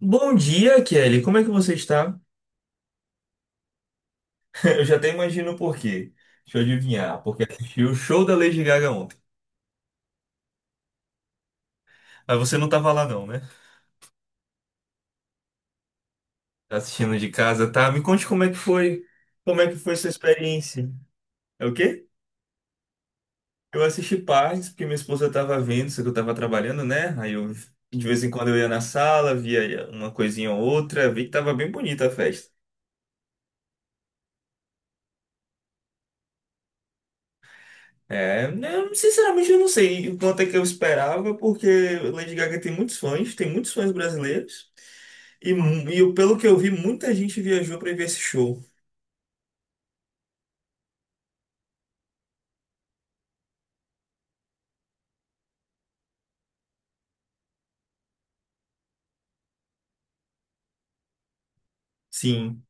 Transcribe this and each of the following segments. Bom dia, Kelly. Como é que você está? Eu já até imagino o porquê. Deixa eu adivinhar. Porque assisti o show da Lady Gaga ontem. Mas você não estava lá não, né? Tá assistindo de casa, tá? Me conte como é que foi. Como é que foi sua experiência? É o quê? Eu assisti partes, porque minha esposa estava vendo, só que eu estava trabalhando, né? Aí eu, de vez em quando eu ia na sala, via uma coisinha ou outra, vi que estava bem bonita a festa. É, né, sinceramente eu não sei o quanto é que eu esperava, porque Lady Gaga tem muitos fãs brasileiros. E pelo que eu vi, muita gente viajou para ver esse show. Sim.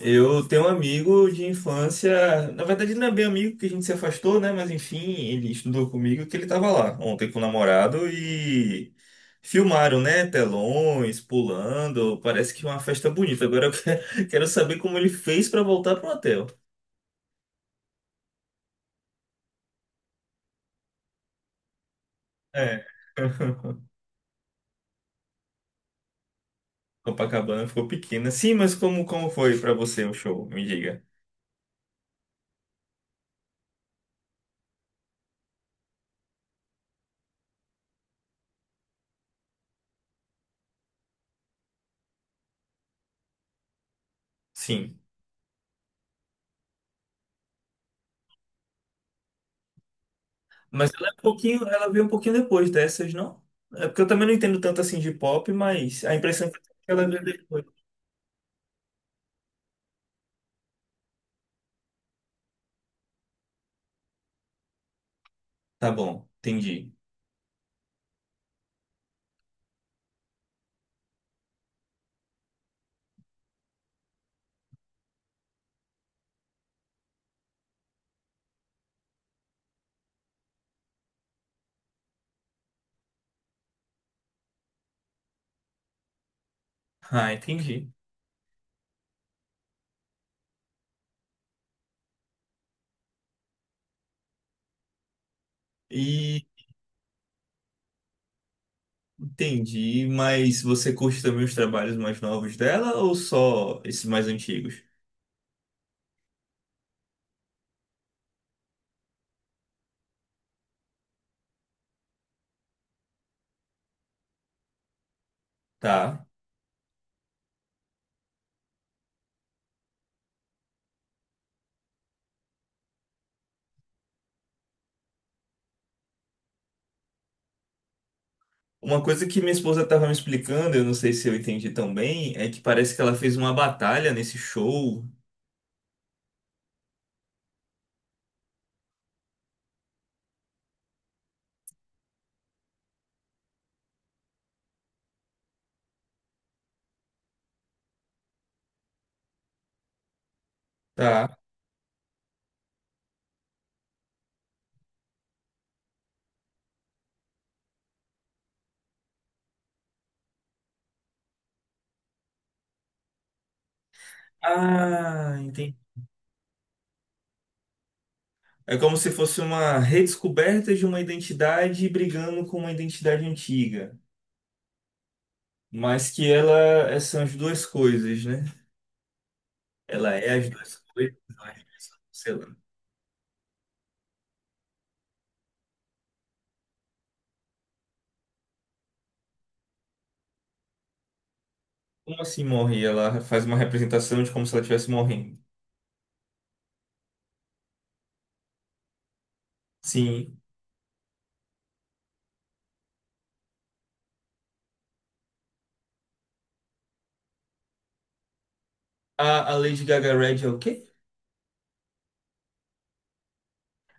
Eu tenho um amigo de infância, na verdade ele não é bem amigo porque a gente se afastou, né? Mas enfim, ele estudou comigo que ele tava lá ontem com o namorado e filmaram, né? Telões, pulando, parece que uma festa bonita. Agora eu quero saber como ele fez para voltar pro hotel. É. Copacabana ficou pequena. Sim, mas como foi para você o show? Me diga. Sim. Mas ela é um pouquinho, ela veio um pouquinho depois dessas, não? É porque eu também não entendo tanto assim de pop, mas a impressão que eu tenho é que ela veio depois. Tá bom, entendi. Ah, entendi. E entendi, mas você curte também os trabalhos mais novos dela ou só esses mais antigos? Tá. Uma coisa que minha esposa estava me explicando, eu não sei se eu entendi tão bem, é que parece que ela fez uma batalha nesse show. Tá. Ah, entendi. É como se fosse uma redescoberta de uma identidade brigando com uma identidade antiga. Mas que ela são as duas coisas, né? Ela é as duas coisas, ela é, sei lá. Como assim morre? Ela faz uma representação de como se ela estivesse morrendo. Sim. A Lady Gaga Red é o quê?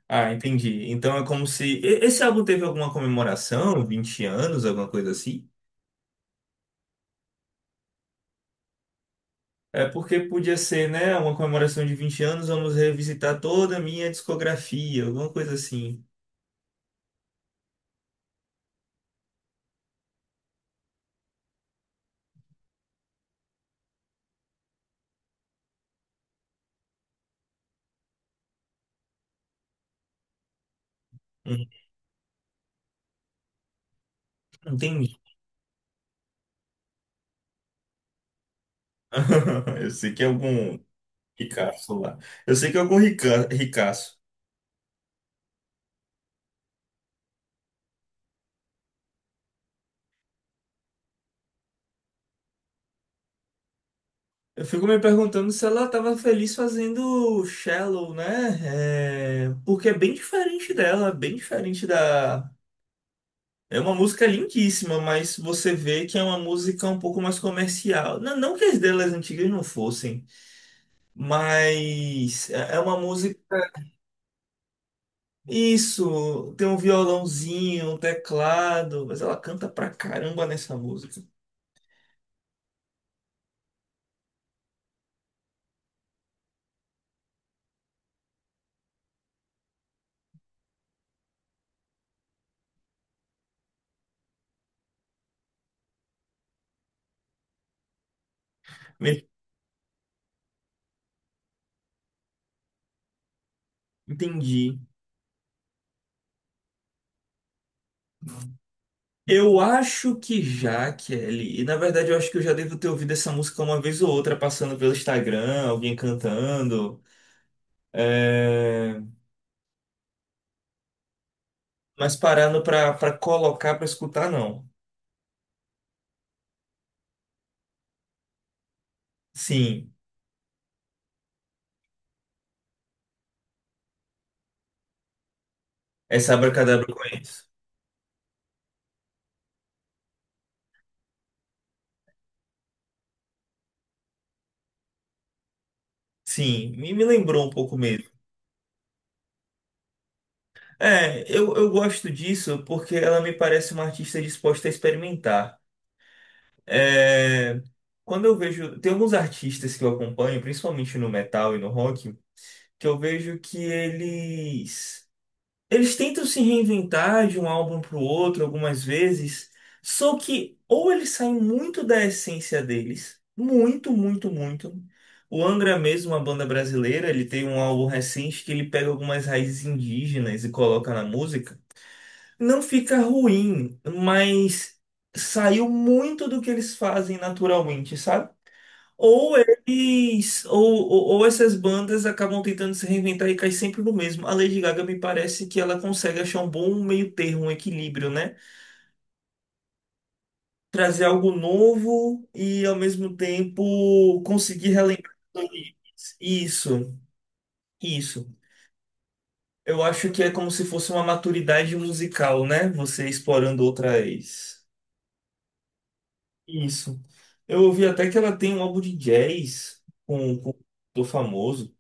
Ah, entendi. Então é como se. Esse álbum teve alguma comemoração, 20 anos, alguma coisa assim? É porque podia ser, né? Uma comemoração de 20 anos, vamos revisitar toda a minha discografia, alguma coisa assim. Entendi. Eu sei que é algum ricaço lá. Eu sei que é algum ricaço. Eu fico me perguntando se ela estava feliz fazendo Shallow, né? É, porque é bem diferente dela, bem diferente da. É uma música lindíssima, mas você vê que é uma música um pouco mais comercial. Não, não que as delas antigas não fossem, mas é uma música. Isso, tem um violãozinho, um teclado, mas ela canta pra caramba nessa música. Entendi. Eu acho que já, Kelly. E na verdade eu acho que eu já devo ter ouvido essa música uma vez ou outra passando pelo Instagram, alguém cantando. É, mas parando pra colocar pra escutar, não. Sim, essa Abracadabra eu conheço. Sim, me lembrou um pouco mesmo. É, eu gosto disso porque ela me parece uma artista disposta a experimentar. É, quando eu vejo. Tem alguns artistas que eu acompanho, principalmente no metal e no rock. Que eu vejo que eles tentam se reinventar de um álbum para o outro algumas vezes, só que ou eles saem muito da essência deles, muito, muito, muito. O Angra é mesmo, uma banda brasileira, ele tem um álbum recente que ele pega algumas raízes indígenas e coloca na música. Não fica ruim, mas saiu muito do que eles fazem naturalmente, sabe? Ou eles, ou essas bandas acabam tentando se reinventar e cai sempre no mesmo. A Lady Gaga me parece que ela consegue achar um bom meio termo, um equilíbrio, né? Trazer algo novo e ao mesmo tempo conseguir relembrar os hits. Isso, isso. Eu acho que é como se fosse uma maturidade musical, né? Você explorando outras. Isso. Eu ouvi até que ela tem um álbum de jazz com um cantor famoso.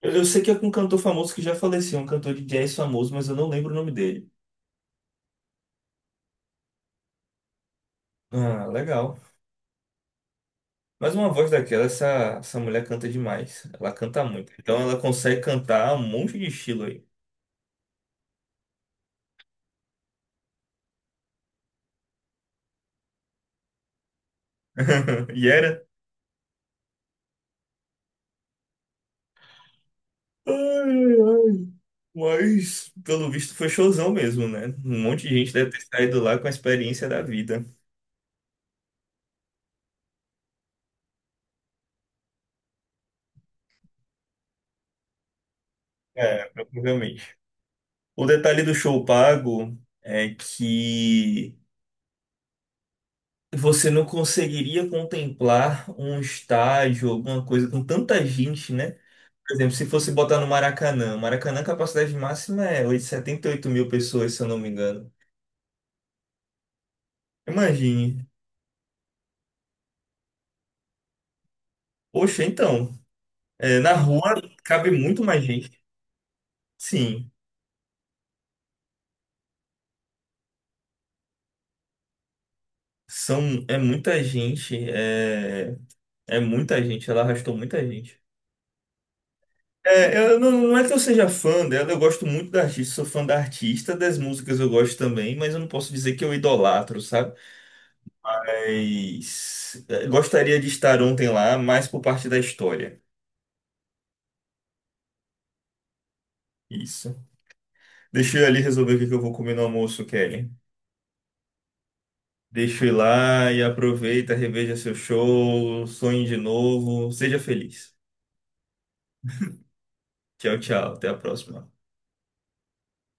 Eu sei que é com um cantor famoso que já faleceu, um cantor de jazz famoso, mas eu não lembro o nome dele. Ah, legal. Mas uma voz daquela, essa mulher canta demais. Ela canta muito. Então ela consegue cantar um monte de estilo aí. E era. Ai, ai. Mas, pelo visto, foi showzão mesmo, né? Um monte de gente deve ter saído lá com a experiência da vida. É, provavelmente. O detalhe do show pago é que você não conseguiria contemplar um estádio, alguma coisa com tanta gente, né? Por exemplo, se fosse botar no Maracanã. Maracanã, a capacidade máxima é 78.000 pessoas, se eu não me engano. Imagine. Poxa, então, é, na rua cabe muito mais gente. Sim, é muita gente. É, é muita gente. Ela arrastou muita gente. É, eu não, não é que eu seja fã dela, eu gosto muito da artista, sou fã da artista, das músicas eu gosto também, mas eu não posso dizer que eu idolatro, sabe? Mas gostaria de estar ontem lá, mais por parte da história. Isso. Deixa eu ir ali resolver o que que eu vou comer no almoço, Kelly. Deixa eu ir lá e aproveita, reveja seu show, sonhe de novo, seja feliz. Tchau, tchau. Até a próxima.